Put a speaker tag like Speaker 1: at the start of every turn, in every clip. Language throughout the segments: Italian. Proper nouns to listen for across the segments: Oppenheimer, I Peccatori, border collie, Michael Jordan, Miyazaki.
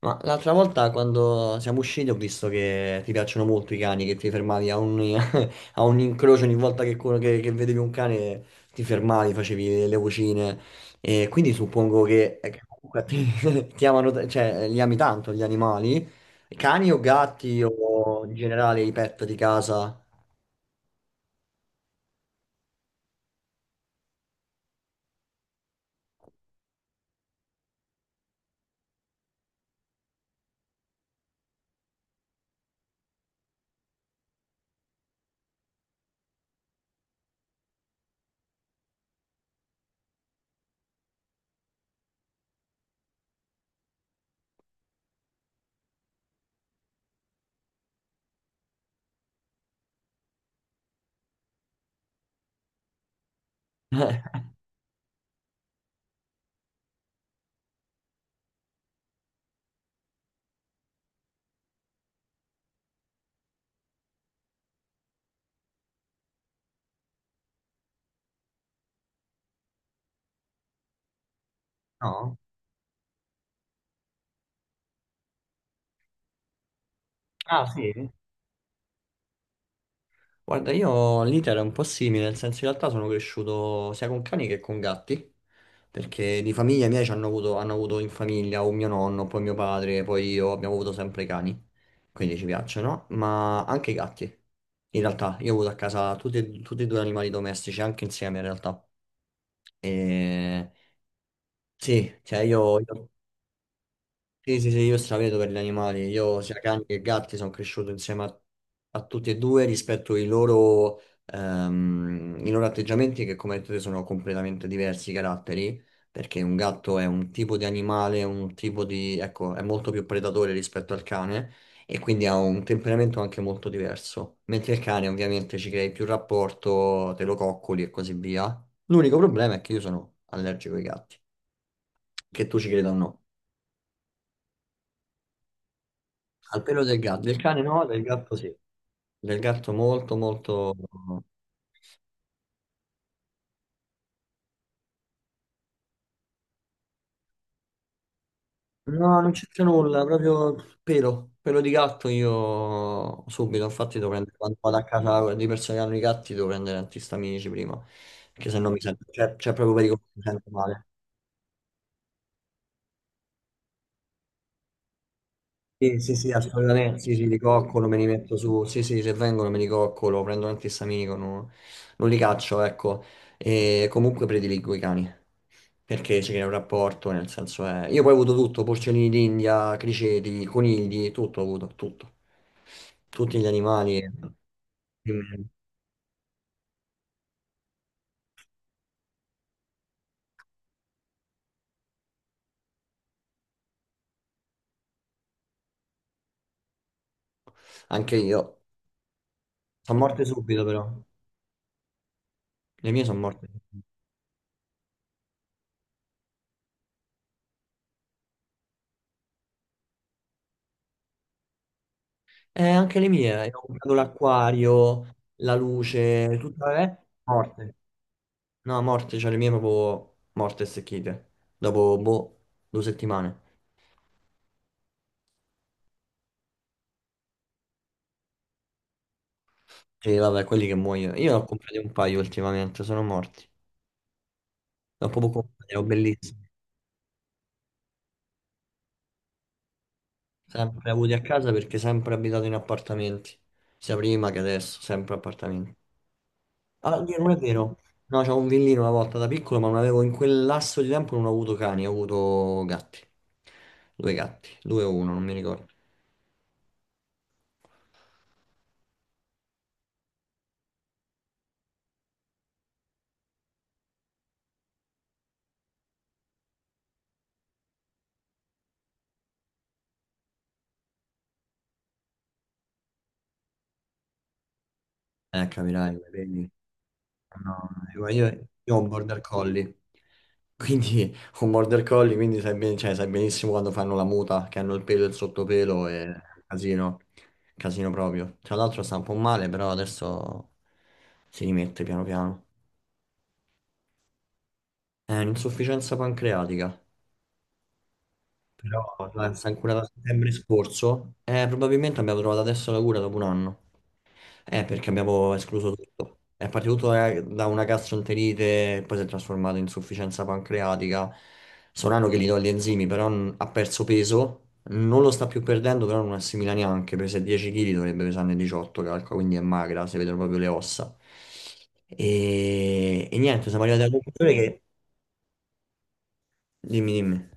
Speaker 1: Ma l'altra volta quando siamo usciti ho visto che ti piacciono molto i cani, che ti fermavi a un, a un incrocio ogni volta che, che vedevi un cane, ti fermavi, facevi le vocine, e quindi suppongo che comunque a te ti amano, cioè li ami tanto gli animali, cani o gatti o in generale i pet di casa? No? Ah, sì? Guarda, io l'iter è un po' simile, nel senso in realtà sono cresciuto sia con cani che con gatti, perché di famiglia mia ci hanno avuto in famiglia un mio nonno, poi mio padre, poi io, abbiamo avuto sempre cani, quindi ci piacciono, ma anche i gatti. In realtà io ho avuto a casa tutti, tutti e due animali domestici, anche insieme in realtà. E... Sì, cioè io sì, sì, sì, io stravedo per gli animali. Io sia cani che gatti sono cresciuto insieme a, a tutti e due rispetto ai loro, i loro atteggiamenti che come hai detto te sono completamente diversi i caratteri, perché un gatto è un tipo di animale, un tipo di, ecco, è molto più predatore rispetto al cane e quindi ha un temperamento anche molto diverso. Mentre il cane ovviamente ci crei più rapporto, te lo coccoli e così via. L'unico problema è che io sono allergico ai gatti, che tu ci creda o no. Al pelo del gatto, del cane no, del gatto sì. Del gatto molto molto... No, non c'entra nulla, proprio pelo, pelo di gatto io subito, infatti devo prendere, quando vado a casa di persone che hanno i gatti devo prendere antistaminici prima, perché se no mi sento, cioè, c'è proprio pericolo che mi sento male. Sì, sì, sì, assolutamente, sì, sì, li coccolo, me li metto su, sì, sì, se vengono me li coccolo, prendo un antistaminico, non, non li caccio, ecco, e comunque prediligo i cani, perché c'è un rapporto, nel senso è... Io poi ho avuto tutto, porcellini d'India, criceti, conigli, tutto ho avuto, tutto, tutti gli animali. Dimmi. Anche io, sono morte subito però, le mie sono morte. Anche le mie, ho comprato l'acquario, la luce, tutta, morte. No, a morte, cioè le mie proprio morte e secchite. Dopo, boh, due settimane. Sì, vabbè, quelli che muoiono. Io ne ho comprati un paio ultimamente, sono morti. Ne ho proprio comprati, erano bellissimi. Sempre avuti a casa perché sempre abitato in appartamenti. Sia prima che adesso, sempre appartamenti. Ah, Dio, non è vero. No, c'avevo un villino una volta da piccolo, ma non avevo in quel lasso di tempo non ho avuto cani, ho avuto gatti. Due gatti, due o uno, non mi ricordo. Capirai, vedi. No, io, io ho un border collie. Quindi un border collie, quindi sai, cioè, sai benissimo quando fanno la muta, che hanno il pelo e il sottopelo e casino, casino proprio. Tra l'altro sta un po' male, però adesso si rimette piano piano. È un'insufficienza pancreatica. Però pensa, ancora da settembre scorso, probabilmente abbiamo trovato adesso la cura dopo un anno. Perché abbiamo escluso tutto. È partito tutto da una gastroenterite, poi si è trasformato in insufficienza pancreatica. Sono un anno che gli do gli enzimi, però ha perso peso. Non lo sta più perdendo, però non assimila neanche. Pesa 10 kg, dovrebbe pesarne 18, calcola, quindi è magra, si vedono proprio le ossa. E niente, siamo arrivati alla conclusione che... Dimmi, dimmi.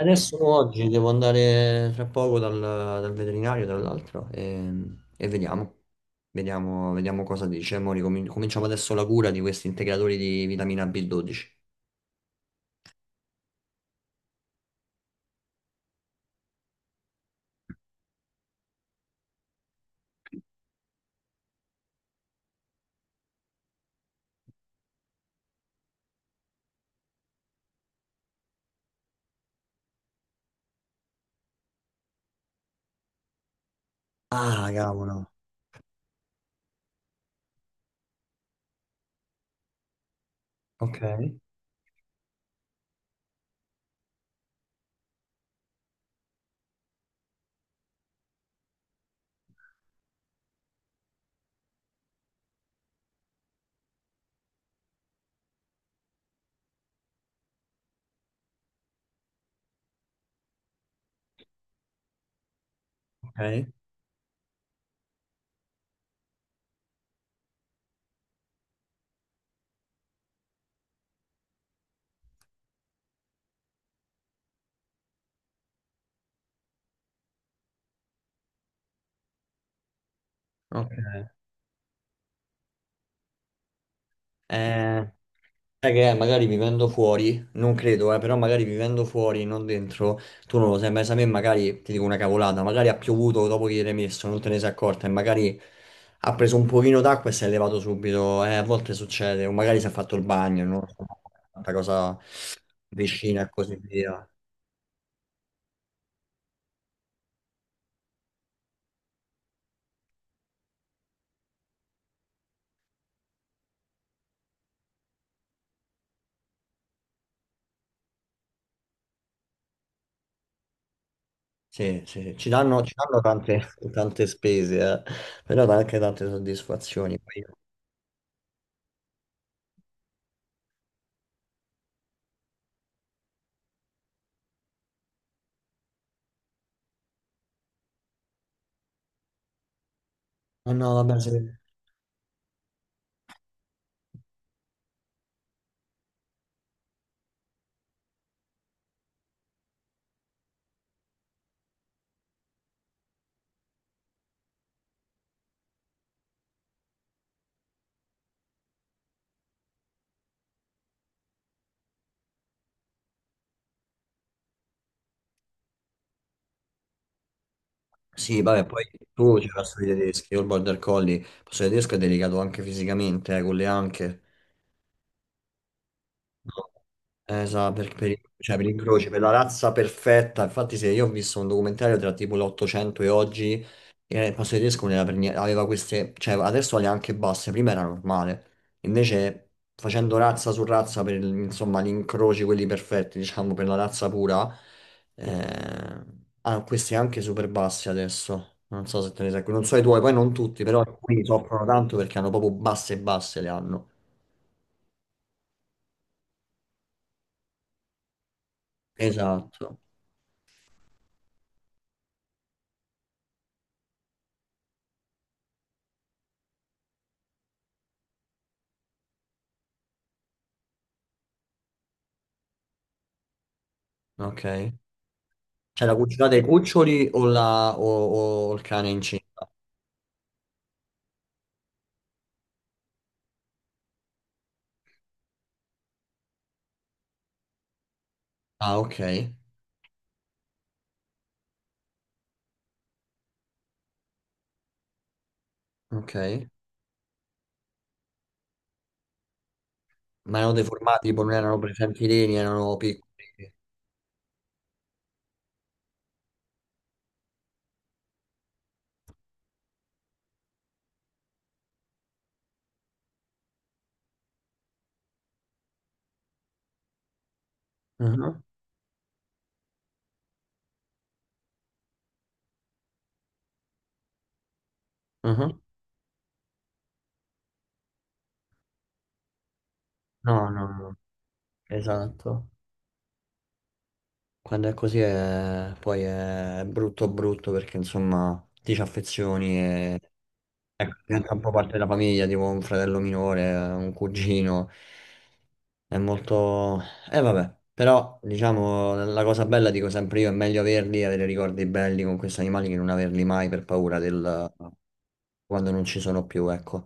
Speaker 1: Adesso no, oggi devo andare tra poco dal veterinario, tra l'altro, e vediamo. Vediamo, vediamo cosa dice. Mo cominciamo adesso la cura di questi integratori di vitamina B12. Ah, cavolo. Ok, ok, ok. Eh, sai che è? Magari vivendo fuori, non credo, però magari vivendo fuori, non dentro, tu non lo sai, ma se a me magari, ti dico una cavolata, magari ha piovuto dopo che gli eri messo, non te ne sei accorta e magari ha preso un pochino d'acqua e si è levato subito, a volte succede, o magari si è fatto il bagno, non lo so, tanta cosa vicina e così via. Sì, sì, ci danno tante, tante spese, però dà anche tante soddisfazioni. Poi io... No, no, vabbè, sì. Sì, vabbè, poi tu ci la sui tedeschi, io il border collie, posso dire, il tedesco è delicato anche fisicamente, con le anche. No? Esatto, per, cioè per incroci, per la razza perfetta. Infatti, se io ho visto un documentario tra tipo l'800 e oggi, e il pasto tedesco non era per niente, aveva queste, cioè adesso le ha anche basse, prima era normale. Invece, facendo razza su razza per insomma gli incroci, quelli perfetti, diciamo, per la razza pura, eh, hanno questi anche super bassi adesso. Non so se te ne sei, non so i tuoi, poi non tutti, però alcuni soffrono tanto perché hanno proprio basse e basse le hanno. Esatto, ok. Cioè la cucina dei cuccioli o, o il cane incinta? Ah, ok, ok. Ma erano deformati, tipo non erano presenti i reni, erano piccoli. Mhm, mhm. No, no, no, esatto. Quando è così è... poi è brutto brutto perché insomma ti ci affezioni e ecco, diventa un po' parte della famiglia, tipo un fratello minore, un cugino. È molto... E vabbè, però diciamo la cosa bella, dico sempre io, è meglio averli e avere ricordi belli con questi animali che non averli mai per paura del... quando non ci sono più, ecco.